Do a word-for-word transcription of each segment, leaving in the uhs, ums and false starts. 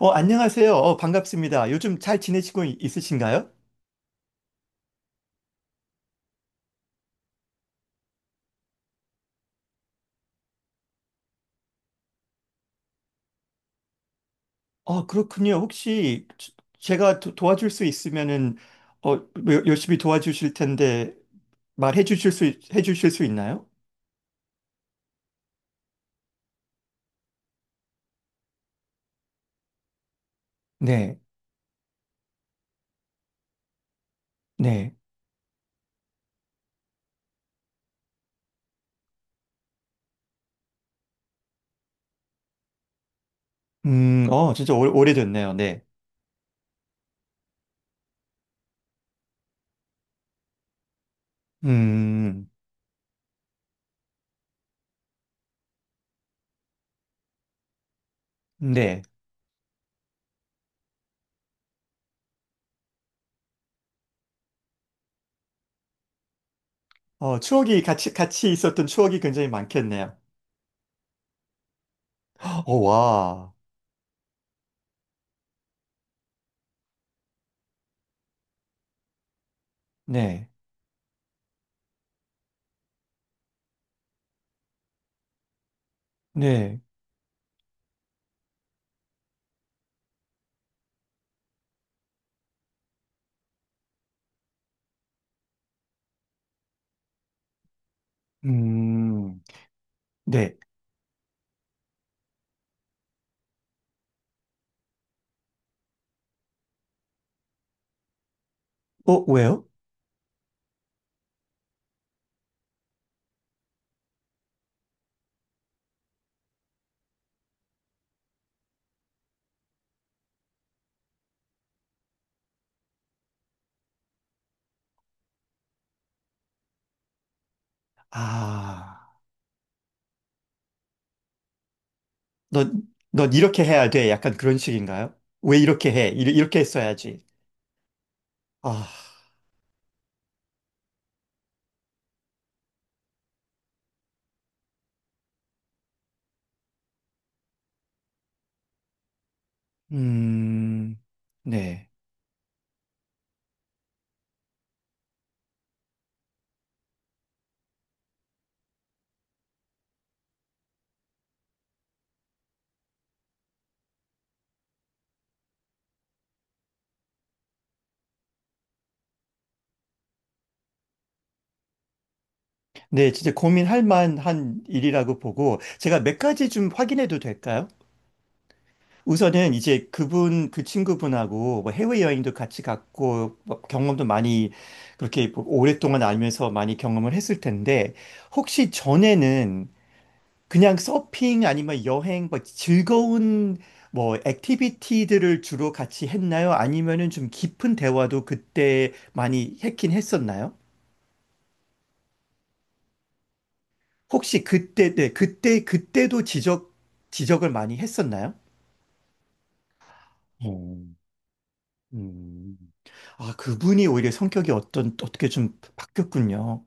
어, 안녕하세요. 어, 반갑습니다. 요즘 잘 지내시고 이- 있으신가요? 어, 그렇군요. 혹시 저- 제가 도, 와줄수 있으면은 어, 뭐 열심히 도와주실 텐데 말해 주실 수, 있- 해 주실 수 있나요? 네. 네. 음, 어, 진짜 오, 오래됐네요. 네. 음, 네. 어, 추억이 같이, 같이 있었던 추억이 굉장히 많겠네요. 어, 와. 네. 네. 음, 네. 어, 왜요? 아. 넌, 넌 이렇게 해야 돼. 약간 그런 식인가요? 왜 이렇게 해? 이 이렇게 했어야지. 아, 음, 네. 네, 진짜 고민할 만한 일이라고 보고, 제가 몇 가지 좀 확인해도 될까요? 우선은 이제 그분, 그 친구분하고 뭐 해외여행도 같이 갔고, 뭐 경험도 많이 그렇게 오랫동안 알면서 많이 경험을 했을 텐데, 혹시 전에는 그냥 서핑 아니면 여행 뭐 즐거운 뭐 액티비티들을 주로 같이 했나요? 아니면은 좀 깊은 대화도 그때 많이 했긴 했었나요? 혹시 그때 네, 그때 그때도 지적 지적을 많이 했었나요? 어, 음. 아, 그분이 오히려 성격이 어떤 어떻게 좀 바뀌었군요.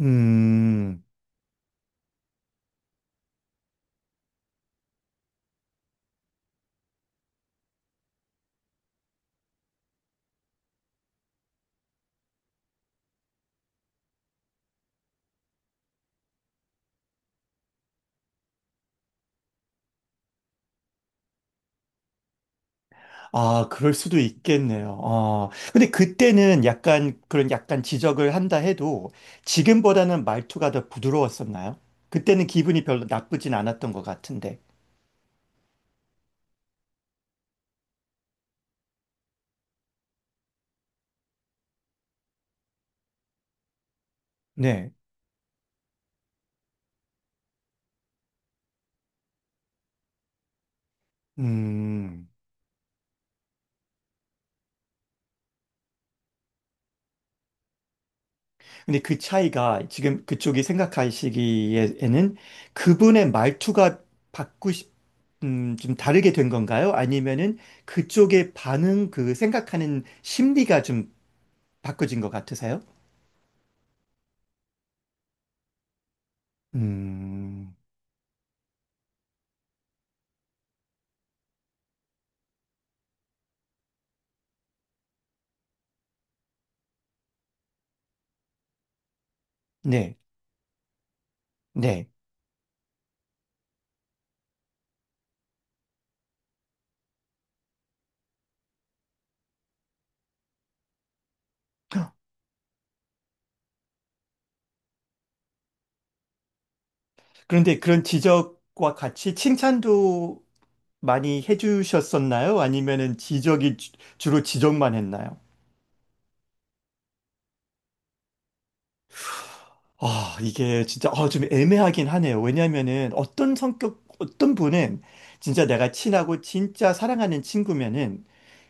음. 아, 그럴 수도 있겠네요. 어. 근데 그때는 약간 그런 약간 지적을 한다 해도 지금보다는 말투가 더 부드러웠었나요? 그때는 기분이 별로 나쁘진 않았던 것 같은데. 네. 음. 근데 그 차이가 지금 그쪽이 생각하시기에는 그분의 말투가 바꾸 싶, 음, 좀 다르게 된 건가요? 아니면은 그쪽의 반응, 그 생각하는 심리가 좀 바꿔진 것 같으세요? 음. 네. 네. 그런데 그런 지적과 같이 칭찬도 많이 해주셨었나요? 아니면은 지적이 주- 주로 지적만 했나요? 아, 이게 진짜 아, 좀 애매하긴 하네요. 왜냐면은 어떤 성격, 어떤 분은 진짜 내가 친하고 진짜 사랑하는 친구면은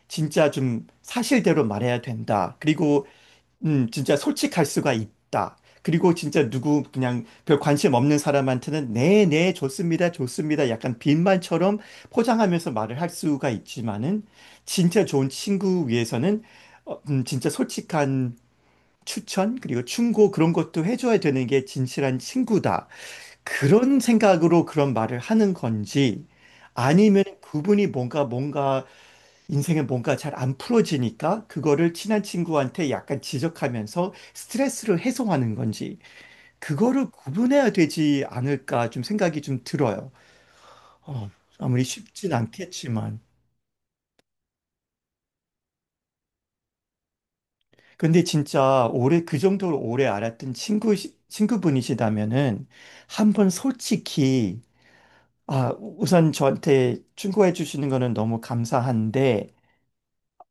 진짜 좀 사실대로 말해야 된다. 그리고 음, 진짜 솔직할 수가 있다. 그리고 진짜 누구 그냥 별 관심 없는 사람한테는 네, 네, 좋습니다, 좋습니다. 약간 빈말처럼 포장하면서 말을 할 수가 있지만은 진짜 좋은 친구 위해서는 어, 음, 진짜 솔직한 추천 그리고 충고 그런 것도 해줘야 되는 게 진실한 친구다. 그런 생각으로 그런 말을 하는 건지 아니면 그분이 뭔가 뭔가 인생에 뭔가 잘 안 풀어지니까 그거를 친한 친구한테 약간 지적하면서 스트레스를 해소하는 건지 그거를 구분해야 되지 않을까 좀 생각이 좀 들어요. 어, 아무리 쉽진 않겠지만. 근데 진짜 오래 그 정도로 오래 알았던 친구 친구분이시다면은 한번 솔직히 아, 우선 저한테 충고해 주시는 거는 너무 감사한데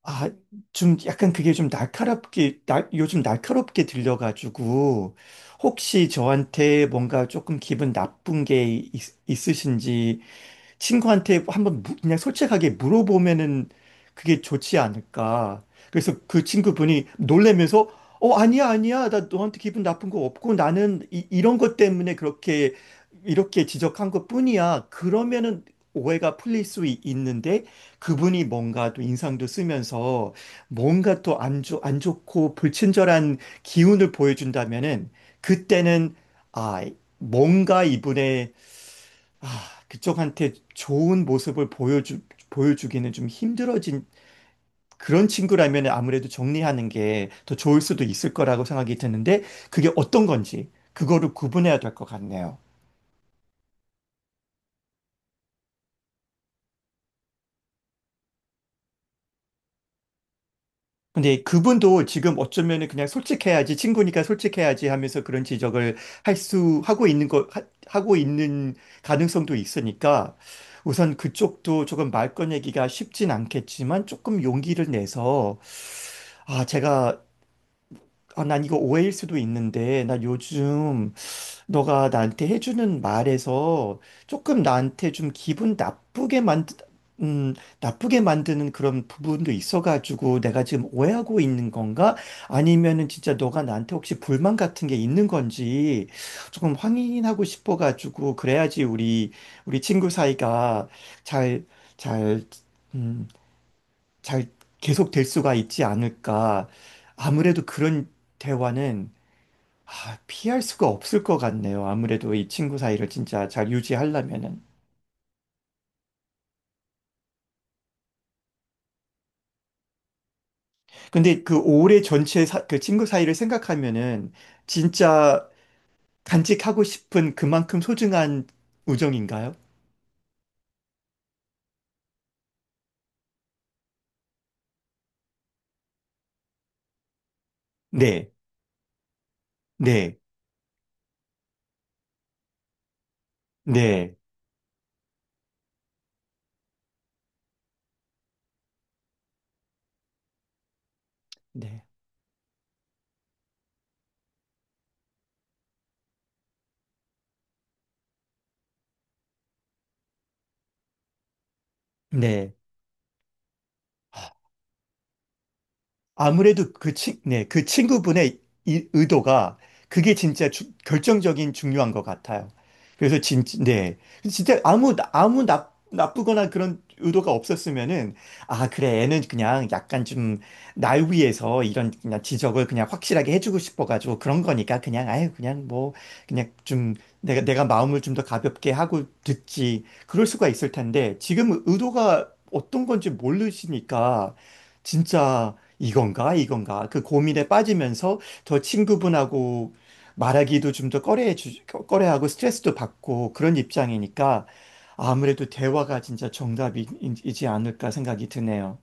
아, 좀 약간 그게 좀 날카롭게, 날, 요즘 날카롭게 들려가지고, 혹시 저한테 뭔가 조금 기분 나쁜 게 있, 으신지 친구한테 한번 무- 그냥 솔직하게 물어보면은 그게 좋지 않을까. 그래서 그 친구분이 놀래면서 어, 아니야, 아니야. 나 너한테 기분 나쁜 거 없고 나는 이, 이런 것 때문에 그렇게 이렇게 지적한 것뿐이야. 그러면은 오해가 풀릴 수 있- 있는데 그분이 뭔가 또 인상도 쓰면서 뭔가 또 안 좋, 안 좋고 불친절한 기운을 보여준다면은 그때는 아, 뭔가 이분의 아, 그쪽한테 좋은 모습을 보여주, 보여주기는 좀 힘들어진 그런 친구라면 아무래도 정리하는 게 더 좋을 수도 있을 거라고 생각이 드는데 그게 어떤 건지 그거를 구분해야 될 것 같네요. 근데 그분도 지금 어쩌면은 그냥 솔직해야지 친구니까 솔직해야지 하면서 그런 지적을 할 수 하고 있는 거 하, 하고 있는 가능성도 있으니까 우선 그쪽도 조금 말 꺼내기가 쉽진 않겠지만 조금 용기를 내서 아 제가 아, 난 이거 오해일 수도 있는데, 나 요즘 너가 나한테 해주는 말에서 조금 나한테 좀 기분 나쁘게 만, 음, 나쁘게 만드는 그런 부분도 있어가지고 내가 지금 오해하고 있는 건가? 아니면은 진짜 너가 나한테 혹시 불만 같은 게 있는 건지 조금 확인하고 싶어가지고 그래야지 우리, 우리 친구 사이가 잘, 잘, 음, 잘 계속 될 수가 있지 않을까. 아무래도 그런 대화는 아, 피할 수가 없을 것 같네요. 아무래도 이 친구 사이를 진짜 잘 유지하려면은. 근데 그 올해 전체 사, 그 친구 사이를 생각하면은 진짜 간직하고 싶은 그만큼 소중한 우정인가요? 네, 네, 네, 네, 네. 아무래도 그 친, 네, 그 친구분의 이- 의도가 그게 진짜 주- 결정적인 중요한 것 같아요. 그래서 진, 네. 진짜 아무, 아무 나, 나쁘거나 그런 의도가 없었으면은, 아, 그래, 애는 그냥 약간 좀 날 위해서 이런 그냥 지적을 그냥 확실하게 해주고 싶어가지고 그런 거니까 그냥, 아유, 그냥 뭐, 그냥 좀 내가, 내가 마음을 좀 더 가볍게 하고 듣지. 그럴 수가 있을 텐데, 지금 의도가 어떤 건지 모르시니까, 진짜 이건가 이건가 그 고민에 빠지면서 더 친구분하고 말하기도 좀 더 꺼려 꺼려하고 스트레스도 받고 그런 입장이니까 아무래도 대화가 진짜 정답이지 않을까 생각이 드네요.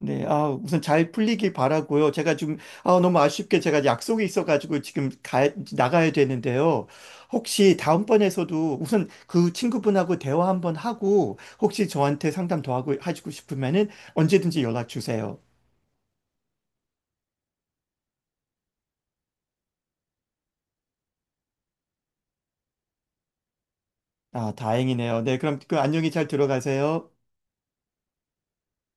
네, 아, 우선 잘 풀리길 바라고요. 제가 좀, 아, 너무 아쉽게 제가 약속이 있어가지고 지금 가, 나가야 되는데요. 혹시 다음번에서도 우선 그 친구분하고 대화 한번 하고 혹시 저한테 상담 더 하고, 하시고 싶으면은 언제든지 연락 주세요. 아, 다행이네요. 네, 그럼 그 안녕히 잘 들어가세요.